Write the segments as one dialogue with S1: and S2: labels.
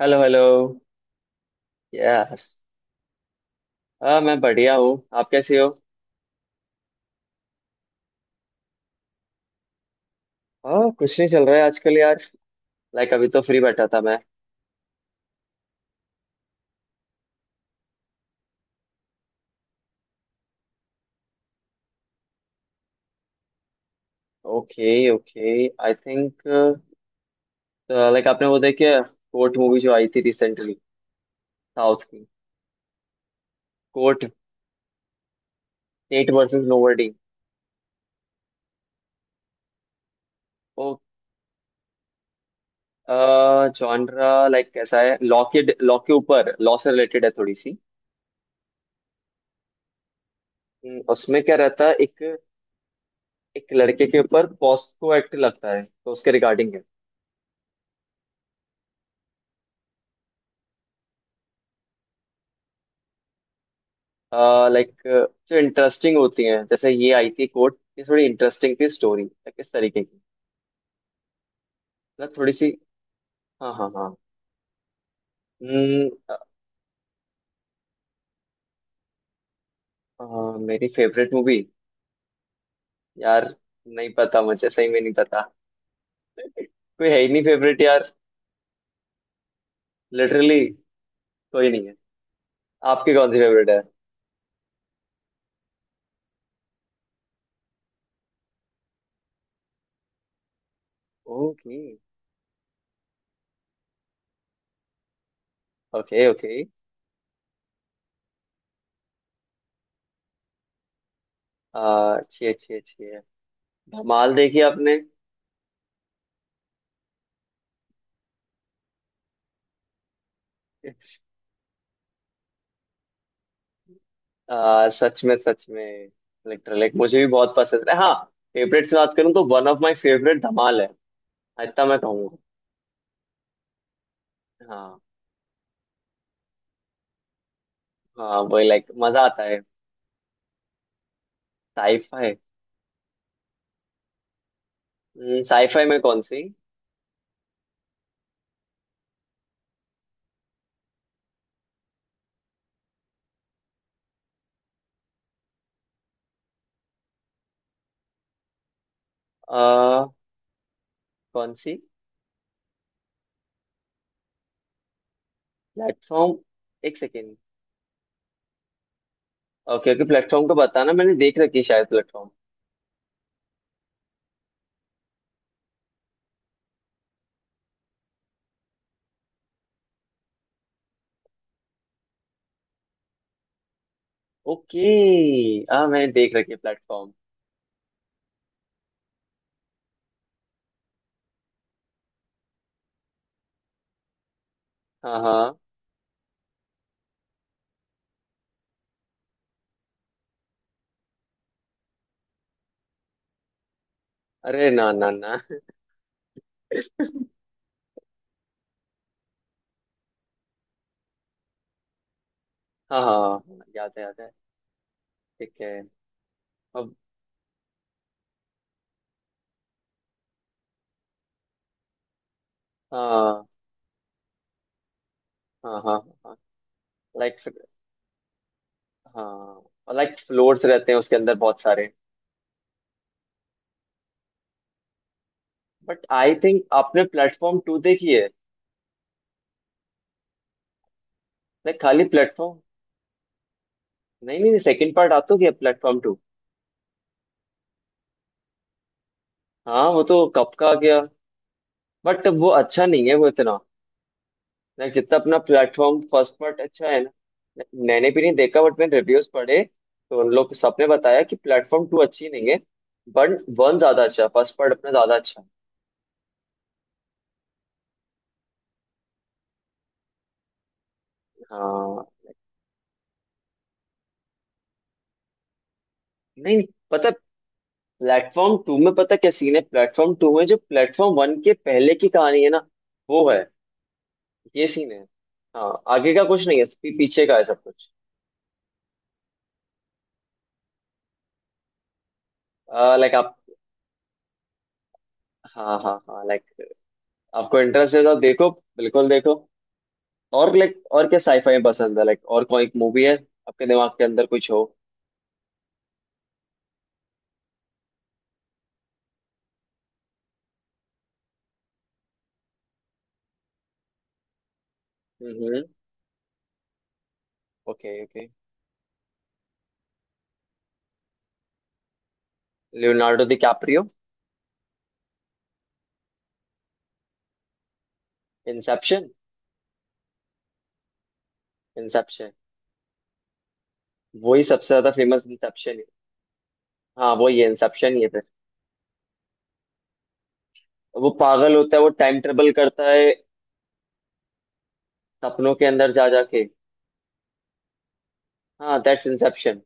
S1: Hello hello. Yes. हाँ, मैं बढ़िया हूँ, आप कैसे हो? हाँ, कुछ नहीं चल रहा है आजकल यार। लाइक, अभी तो फ्री बैठा था मैं। Okay, okay, I think, like आपने वो देखी है कोर्ट मूवी, जो आई थी रिसेंटली, साउथ की। कोर्ट। State versus nobody. ओ, जॉनरा लाइक कैसा है, लॉ के ऊपर, लॉ से रिलेटेड है थोड़ी सी। उसमें क्या रहता है, एक एक लड़के के ऊपर पॉस्को एक्ट लगता है तो उसके रिगार्डिंग। लाइक जो इंटरेस्टिंग होती हैं, जैसे ये आई थी कोर्ट, ये थोड़ी इंटरेस्टिंग थी स्टोरी, किस तरीके की, मतलब थोड़ी सी। हाँ, हाँ, हाँ। हम्म, अ, अ, मेरी फेवरेट मूवी यार, नहीं पता, मुझे सही में नहीं पता। कोई है ही नहीं फेवरेट यार। लिटरली कोई नहीं है। आपकी कौन सी फेवरेट है? Okay, okay, okay. अच्छी, अच्छी, अच्छी है। धमाल देखी आपने? सच में, सच में। लिटरली मुझे भी बहुत पसंद है, हाँ। फेवरेट से बात करूँ तो one of my favourite Dhamaal है, इतना मैं कहूंगा। हाँ, हाँ, वही लाइक मजा आता है। साईफाई। साईफाई में कौन सी? आ, कौन सी? प्लेटफॉर्म। एक सेकेंड। ओके, ओके, प्लेटफॉर्म को बताना, मैंने देख रखी है शायद प्लेटफॉर्म। ओके। हाँ, मैंने देख रखी है प्लेटफॉर्म। हाँ, हाँ। अरे, ना, ना, ना। हाँ, हाँ, हाँ, याद है, याद है, ठीक है। अब। हाँ, हाँ, हाँ, हाँ लाइक, हाँ लाइक, फ्लोर्स रहते हैं उसके अंदर बहुत सारे। बट आई थिंक आपने प्लेटफॉर्म टू देखी है, लाइक खाली प्लेटफॉर्म। नहीं, नहीं, सेकंड पार्ट आता क्या प्लेटफॉर्म टू? हाँ, वो तो कब का आ गया। बट वो अच्छा नहीं है वो इतना, लाइक जितना अपना प्लेटफॉर्म फर्स्ट पार्ट अच्छा है ना। Like, मैंने भी नहीं देखा, बट मैंने रिव्यूज पढ़े, तो उन लोग सबने बताया कि प्लेटफॉर्म टू अच्छी नहीं है। बट वन ज्यादा अच्छा, फर्स्ट पार्ट अपना ज्यादा अच्छा है। हाँ। नहीं, नहीं, पता है। प्लेटफॉर्म टू में पता क्या सीन है? प्लेटफॉर्म टू में जो प्लेटफॉर्म वन के पहले की कहानी है ना, वो है। ये सीन है। हाँ, आगे का कुछ नहीं है, पीछे का है सब कुछ। लाइक आप। हाँ, हाँ, हाँ लाइक, आपको इंटरेस्ट है तो देखो, बिल्कुल देखो। और लाइक, और क्या साईफाई में पसंद है लाइक, और कोई मूवी है आपके दिमाग के अंदर कुछ हो? Hmm. Okay, okay. Leonardo DiCaprio. Inception. Inception वही सबसे ज्यादा फेमस इंसेप्शन है। हाँ, वही है, इंसेप्शन ही है फिर। वो पागल होता है, वो टाइम ट्रेवल करता है सपनों के अंदर जा जाके। हाँ, दैट्स इंसेप्शन।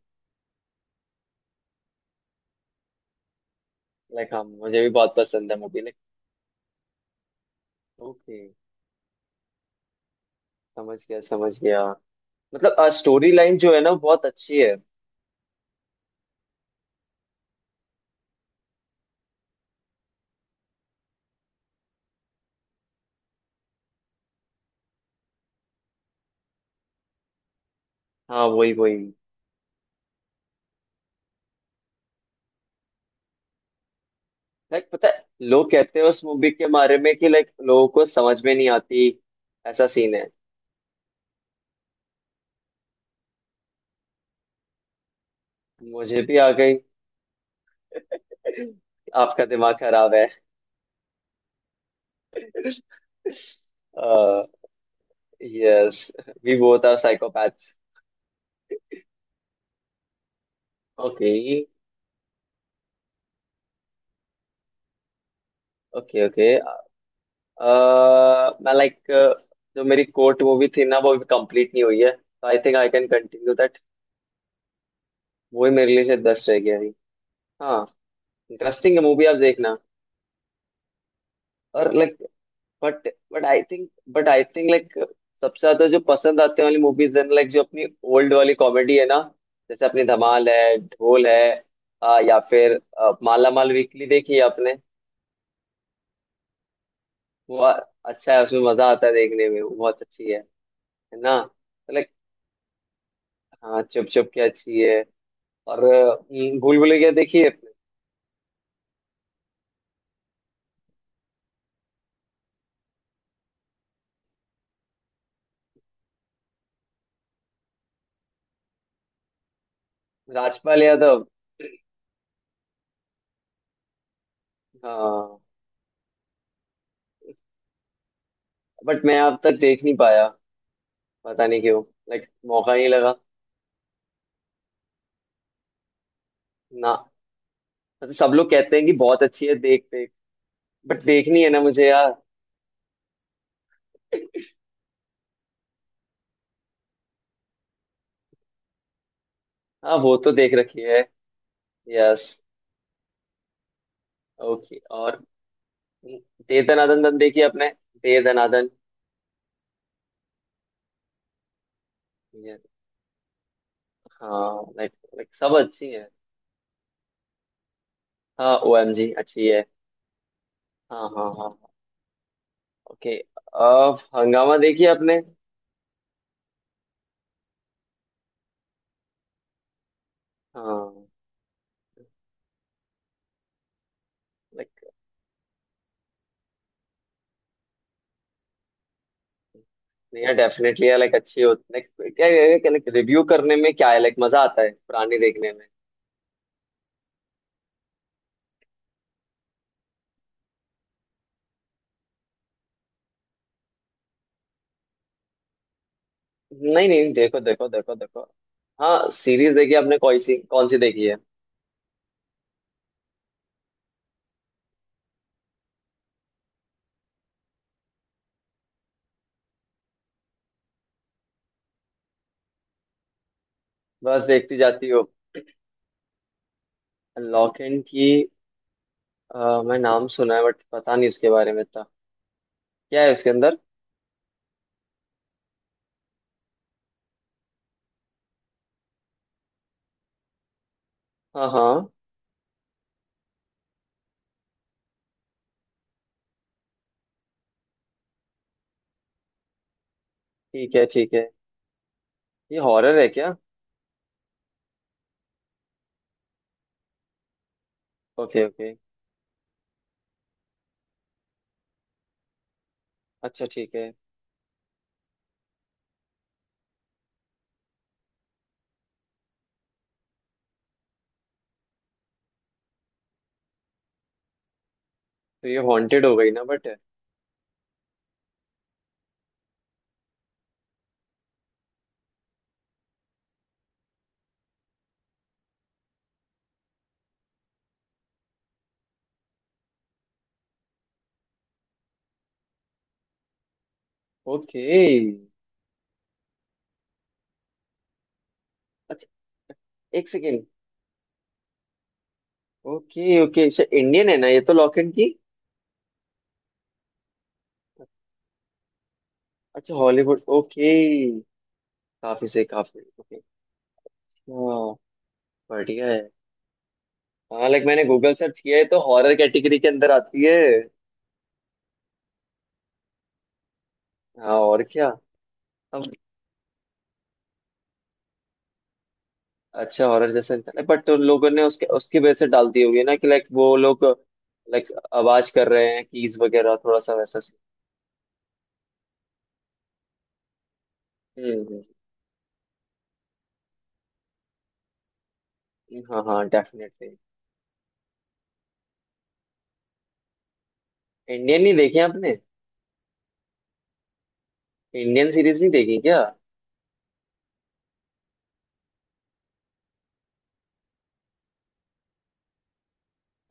S1: लाइक, हाँ, मुझे भी बहुत पसंद है मूवी लाइक। ओके, समझ गया, समझ गया। मतलब स्टोरी लाइन जो है ना, वो बहुत अच्छी है। हाँ, वही, वही। लाइक पता है, लोग कहते हैं उस मूवी के बारे में कि लाइक लोगों को समझ में नहीं आती, ऐसा सीन है। मुझे भी आ गई। आपका दिमाग खराब है। Yes, we both are psychopaths. Okay, okay, okay. मैं लाइक, जो मेरी कोर्ट मूवी थी ना, वो अभी कंप्लीट नहीं हुई है, तो I think I can continue that. वो ही मेरे लिए से 10 रह गया अभी। हाँ। इंटरेस्टिंग है मूवी, आप देखना। और like, but but I think but I think like, सबसे ज्यादा जो पसंद आते वाली मूवीज है लाइक, जो अपनी ओल्ड वाली कॉमेडी है ना, जैसे अपनी धमाल है, ढोल है, या फिर माला माल वीकली देखी है आपने? वो अच्छा है, उसमें मजा आता है देखने में, वो बहुत अच्छी है ना? लाइक, हाँ, चुप चुप के अच्छी है। और भूल भुलैया देखी है आपने? राजपाल यादव। हाँ, बट मैं अब तक देख नहीं पाया, पता नहीं क्यों, लाइक मौका नहीं लगा, ना। मतलब सब लोग कहते हैं कि बहुत अच्छी है, देख, देख, बट देखनी है ना मुझे यार। हाँ, वो तो देख रखी है। यस। ओके, और दे दनादन दन देखी आपने, दे दनादन? Yes, हाँ, लाइक लाइक सब अच्छी है। हाँ, OMG अच्छी है। हाँ, हाँ, हाँ। ओके, अब हंगामा देखी आपने? हाँ। लाइक, नहीं यार, डेफिनेटली है लाइक, अच्छी होती है। Like, क्या लाइक, रिव्यू करने में क्या है लाइक, मजा आता है पुरानी देखने में। नहीं, नहीं, देखो, देखो, देखो, देखो। हाँ, सीरीज देखी आपने? कौन सी देखी है? बस देखती जाती हो। लॉक एंड की। मैं नाम सुना है, बट पता नहीं उसके बारे में था, क्या है उसके अंदर? हाँ, हाँ। ठीक है, ठीक है। ये हॉरर है क्या? Okay, okay. अच्छा, ठीक है। तो ये हॉन्टेड हो गई ना, बट। ओके, अच्छा, एक सेकेंड। Okay, okay. इंडियन है ना ये तो, लॉक एंड की? अच्छा, हॉलीवुड, ओके। काफी सही, काफी ओके। हाँ, बढ़िया है। हाँ लाइक, मैंने गूगल सर्च किया है तो हॉरर कैटेगरी के अंदर आती है। हाँ, और क्या? हम। अच्छा, हॉरर जैसा निकला, बट उन लोगों ने उसके उसकी वजह से डाल दी होगी ना, कि लाइक वो लोग, लाइक आवाज कर रहे हैं कीज वगैरह, थोड़ा सा वैसा सीन। हम्म। हाँ, हाँ, डेफिनेटली। इंडियन नहीं देखे आपने? इंडियन सीरीज नहीं देखी क्या?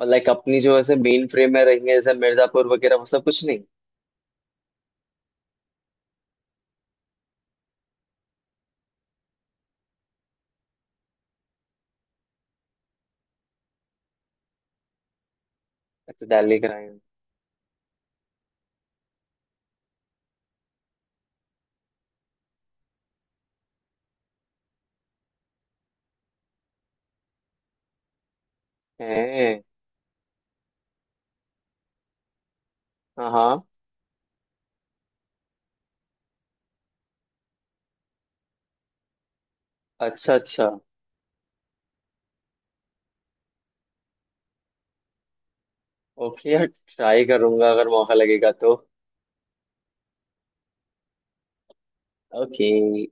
S1: और लाइक अपनी जो ऐसे मेन फ्रेम में रही है, जैसे मिर्जापुर वगैरह, वो सब कुछ नहीं? अच्छा, दिल्ली क्राइम। है। हाँ, हाँ। अच्छा, अच्छा। ओके यार, ट्राई करूंगा अगर मौका लगेगा तो। ओके।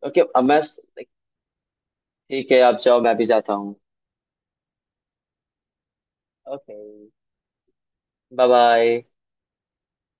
S1: ओके, अब मैं। ठीक है, आप जाओ, मैं भी जाता हूँ। ओके। Bye, bye.